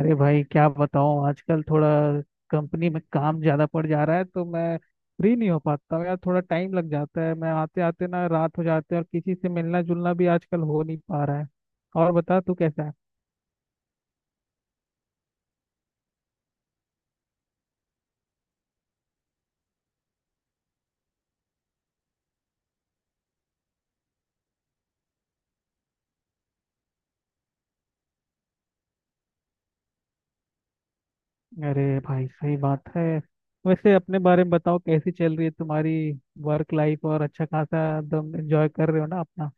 अरे भाई क्या बताऊं आजकल थोड़ा कंपनी में काम ज्यादा पड़ जा रहा है तो मैं फ्री नहीं हो पाता हूं यार। थोड़ा टाइम लग जाता है, मैं आते आते ना रात हो जाते हैं और किसी से मिलना जुलना भी आजकल हो नहीं पा रहा है। और बता तू कैसा है। अरे भाई सही बात है। वैसे अपने बारे में बताओ कैसी चल रही है तुम्हारी वर्क लाइफ, और अच्छा खासा एकदम एंजॉय कर रहे हो ना अपना।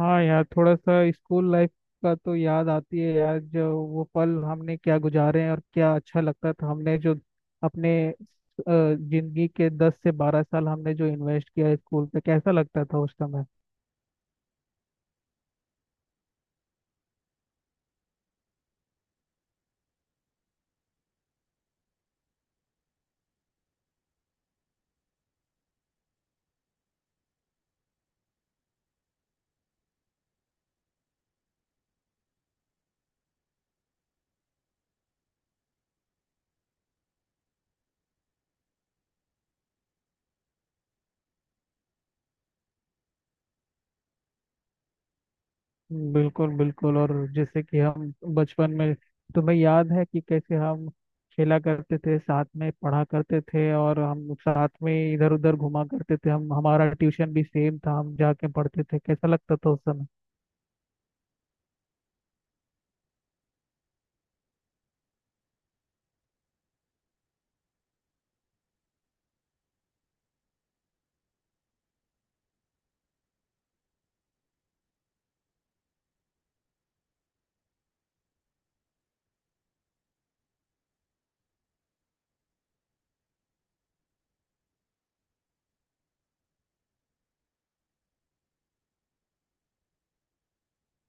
हाँ यार, थोड़ा सा स्कूल लाइफ का तो याद आती है यार, जो वो पल हमने क्या गुजारे हैं और क्या अच्छा लगता था हमने जो अपने जिंदगी के 10 से 12 साल हमने जो इन्वेस्ट किया है स्कूल पे। कैसा लगता था उस समय। बिल्कुल बिल्कुल। और जैसे कि हम बचपन में तुम्हें याद है कि कैसे हम खेला करते थे साथ में, पढ़ा करते थे और हम साथ में इधर उधर घुमा करते थे। हम हमारा ट्यूशन भी सेम था, हम जाके पढ़ते थे। कैसा लगता था उस समय।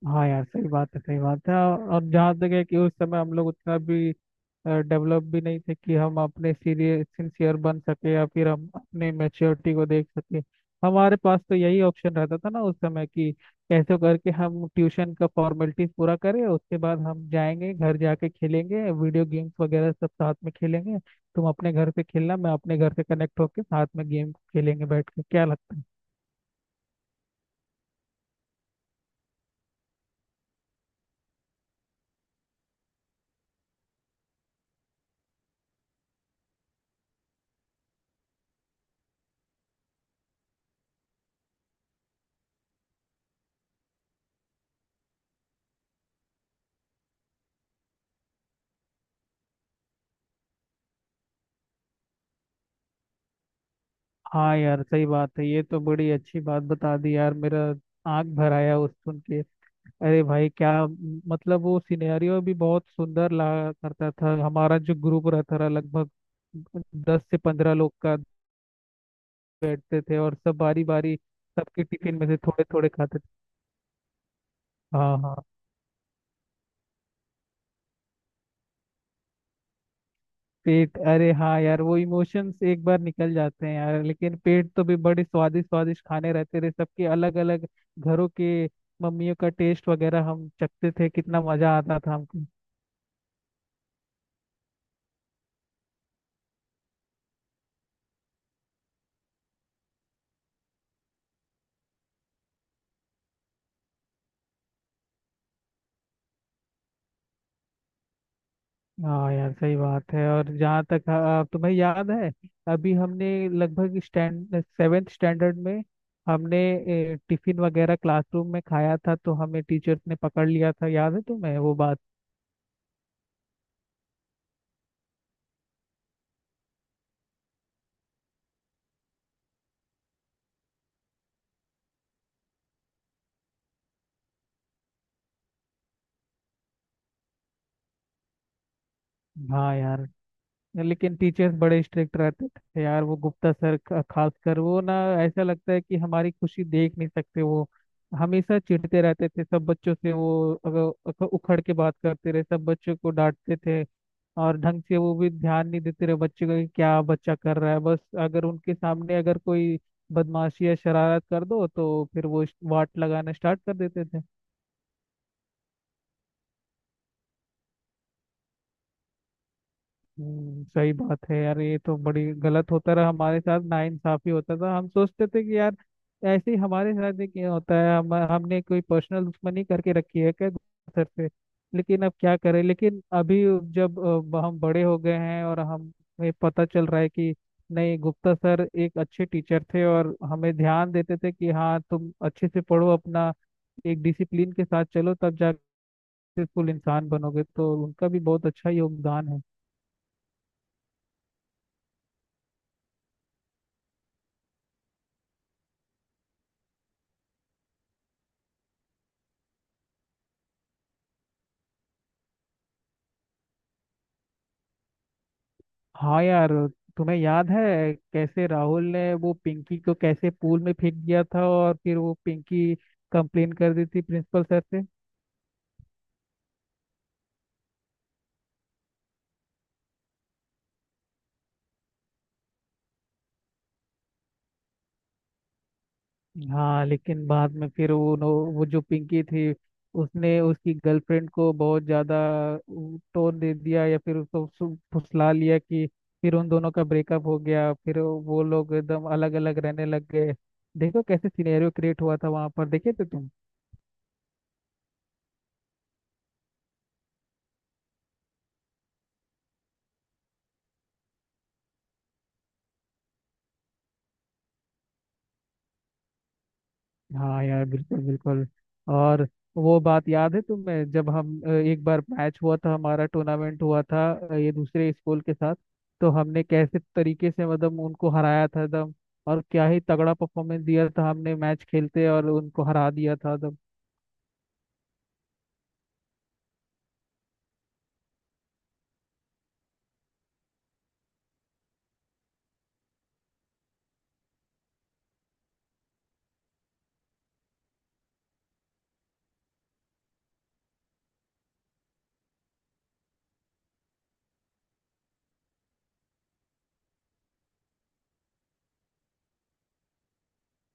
हाँ यार सही बात है सही बात है। और जहाँ तक है कि उस समय हम लोग उतना भी डेवलप भी नहीं थे कि हम अपने सीरियस सिंसियर बन सके या फिर हम अपने मैच्योरिटी को देख सके। हमारे पास तो यही ऑप्शन रहता था ना उस समय कि कैसे करके हम ट्यूशन का फॉर्मेलिटीज पूरा करें, उसके बाद हम जाएंगे घर जाके खेलेंगे वीडियो गेम्स वगैरह सब साथ में खेलेंगे। तुम अपने घर से खेलना, मैं अपने घर से कनेक्ट होके साथ में गेम खेलेंगे बैठ के। क्या लगता है। हाँ यार सही बात है। ये तो बड़ी अच्छी बात बता दी यार, मेरा आंख भर आया उस सुन के। अरे भाई क्या मतलब, वो सिनेरियो भी बहुत सुंदर लगा करता था। हमारा जो ग्रुप रहता था लगभग 10 से 15 लोग का, बैठते थे और सब बारी बारी सबके टिफिन में से थोड़े थोड़े खाते थे। हाँ हाँ, पेट, अरे हाँ यार वो इमोशंस एक बार निकल जाते हैं यार, लेकिन पेट तो भी बड़े स्वादिष्ट स्वादिष्ट खाने रहते थे सबके, अलग अलग घरों के मम्मियों का टेस्ट वगैरह हम चखते थे। कितना मजा आता था हमको। हाँ यार सही बात है। और जहाँ तक तुम्हें याद है, अभी हमने लगभग स्टैंड सेवेंथ स्टैंडर्ड में हमने टिफिन वगैरह क्लासरूम में खाया था तो हमें टीचर ने पकड़ लिया था। याद है तुम्हें वो बात। हाँ यार, लेकिन टीचर्स बड़े स्ट्रिक्ट रहते थे यार। वो गुप्ता सर खासकर वो ना, ऐसा लगता है कि हमारी खुशी देख नहीं सकते वो। हमेशा चिढ़ते रहते थे सब बच्चों से वो। अगर अगर उखड़ के बात करते रहे, सब बच्चों को डांटते थे। और ढंग से वो भी ध्यान नहीं देते रहे बच्चे का कि क्या बच्चा कर रहा है, बस अगर उनके सामने अगर कोई बदमाशी या शरारत कर दो तो फिर वो वाट लगाना स्टार्ट कर देते थे। सही बात है यार, ये तो बड़ी गलत होता रहा हमारे साथ, नाइंसाफी होता था। हम सोचते थे कि यार ऐसे ही हमारे साथ ही क्यों होता है, हम हमने कोई पर्सनल दुश्मनी करके रखी है क्या सर से। लेकिन अब क्या करें। लेकिन अभी जब हम बड़े हो गए हैं और हमें पता चल रहा है कि नहीं, गुप्ता सर एक अच्छे टीचर थे और हमें ध्यान देते थे कि हाँ तुम अच्छे से पढ़ो, अपना एक डिसिप्लिन के साथ चलो तब जाके सक्सेसफुल इंसान बनोगे। तो उनका भी बहुत अच्छा योगदान है। हाँ यार, तुम्हें याद है कैसे राहुल ने वो पिंकी को कैसे पूल में फेंक दिया था, और फिर वो पिंकी कंप्लेन कर दी थी प्रिंसिपल सर से। हाँ लेकिन बाद में फिर वो जो पिंकी थी उसने उसकी गर्लफ्रेंड को बहुत ज्यादा टोन दे दिया या फिर उसको फुसला लिया कि फिर उन दोनों का ब्रेकअप हो गया, फिर वो लोग एकदम अलग अलग रहने लग गए। देखो कैसे सिनेरियो क्रिएट हुआ था वहां पर, देखे थे तुम। हाँ यार बिल्कुल बिल्कुल। और वो बात याद है तुम्हें, जब हम एक बार मैच हुआ था, हमारा टूर्नामेंट हुआ था ये दूसरे स्कूल के साथ। तो हमने कैसे तरीके से मतलब उनको हराया था एकदम, और क्या ही तगड़ा परफॉर्मेंस दिया था हमने मैच खेलते, और उनको हरा दिया था एकदम।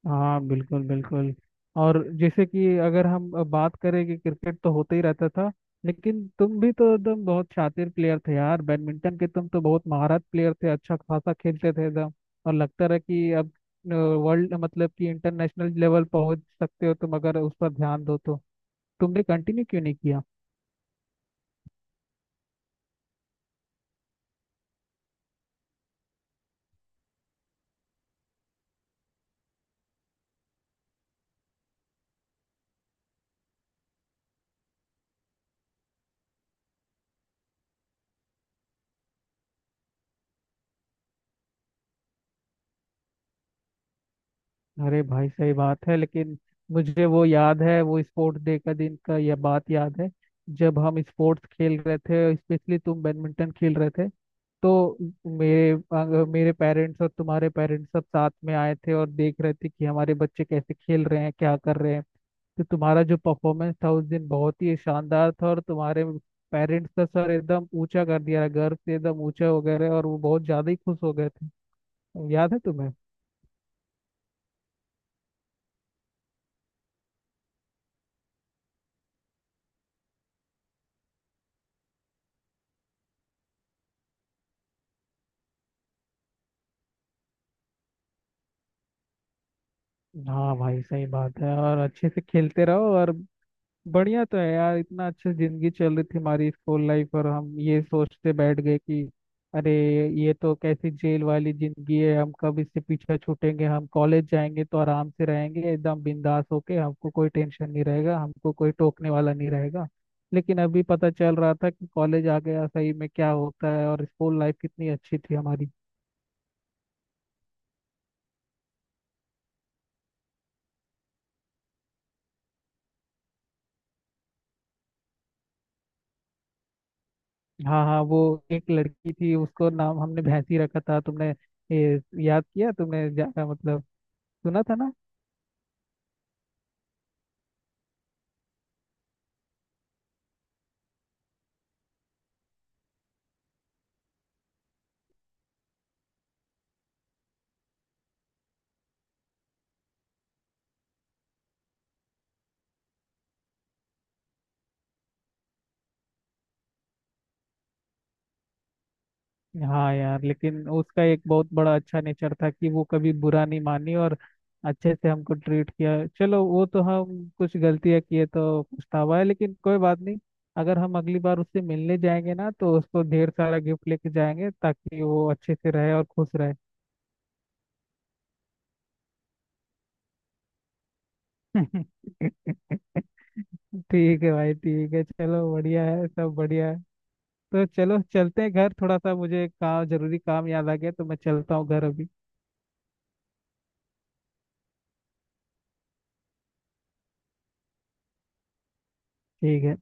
हाँ बिल्कुल बिल्कुल। और जैसे कि अगर हम बात करें कि क्रिकेट तो होता ही रहता था, लेकिन तुम भी तो एकदम बहुत शातिर प्लेयर थे यार बैडमिंटन के। तुम तो बहुत महारत प्लेयर थे, अच्छा खासा खेलते थे एकदम। और लगता रहा कि अब वर्ल्ड मतलब कि इंटरनेशनल लेवल पहुंच सकते हो तुम अगर उस पर ध्यान दो तो। तुमने कंटिन्यू क्यों नहीं किया। अरे भाई सही बात है, लेकिन मुझे वो याद है, वो स्पोर्ट्स डे का दिन का यह बात याद है। जब हम स्पोर्ट्स खेल रहे थे, स्पेशली तुम बैडमिंटन खेल रहे थे, तो मेरे मेरे पेरेंट्स और तुम्हारे पेरेंट्स सब साथ में आए थे और देख रहे थे कि हमारे बच्चे कैसे खेल रहे हैं क्या कर रहे हैं। तो तुम्हारा जो परफॉर्मेंस था उस दिन बहुत ही शानदार था, और तुम्हारे पेरेंट्स का सर एकदम ऊंचा कर दिया, गर्व से एकदम ऊंचा हो गए रहे और वो बहुत ज्यादा ही खुश हो गए थे। याद है तुम्हें। हाँ भाई सही बात है। और अच्छे से खेलते रहो। और बढ़िया तो है यार, इतना अच्छे जिंदगी चल रही थी हमारी स्कूल लाइफ, और हम ये सोचते बैठ गए कि अरे ये तो कैसी जेल वाली जिंदगी है, हम कब इससे पीछे छूटेंगे। हम कॉलेज जाएंगे तो आराम से रहेंगे एकदम बिंदास होके, हमको कोई टेंशन नहीं रहेगा, हमको कोई टोकने वाला नहीं रहेगा। लेकिन अभी पता चल रहा था कि कॉलेज आ गया सही में क्या होता है और स्कूल लाइफ कितनी अच्छी थी हमारी। हाँ हाँ, वो एक लड़की थी उसको नाम हमने भैंसी रखा था। तुमने ये याद किया तुमने, ज्यादा मतलब सुना था ना। हाँ यार, लेकिन उसका एक बहुत बड़ा अच्छा नेचर था कि वो कभी बुरा नहीं मानी और अच्छे से हमको ट्रीट किया। चलो, वो तो हम कुछ गलतियां किए तो पछतावा है लेकिन कोई बात नहीं। अगर हम अगली बार उससे मिलने जाएंगे ना तो उसको ढेर सारा गिफ्ट लेके जाएंगे ताकि वो अच्छे से रहे और खुश रहे। ठीक है भाई ठीक है। चलो बढ़िया है, सब बढ़िया है। तो चलो चलते हैं घर, थोड़ा सा मुझे काम, जरूरी काम याद आ गया तो मैं चलता हूँ घर अभी। ठीक है।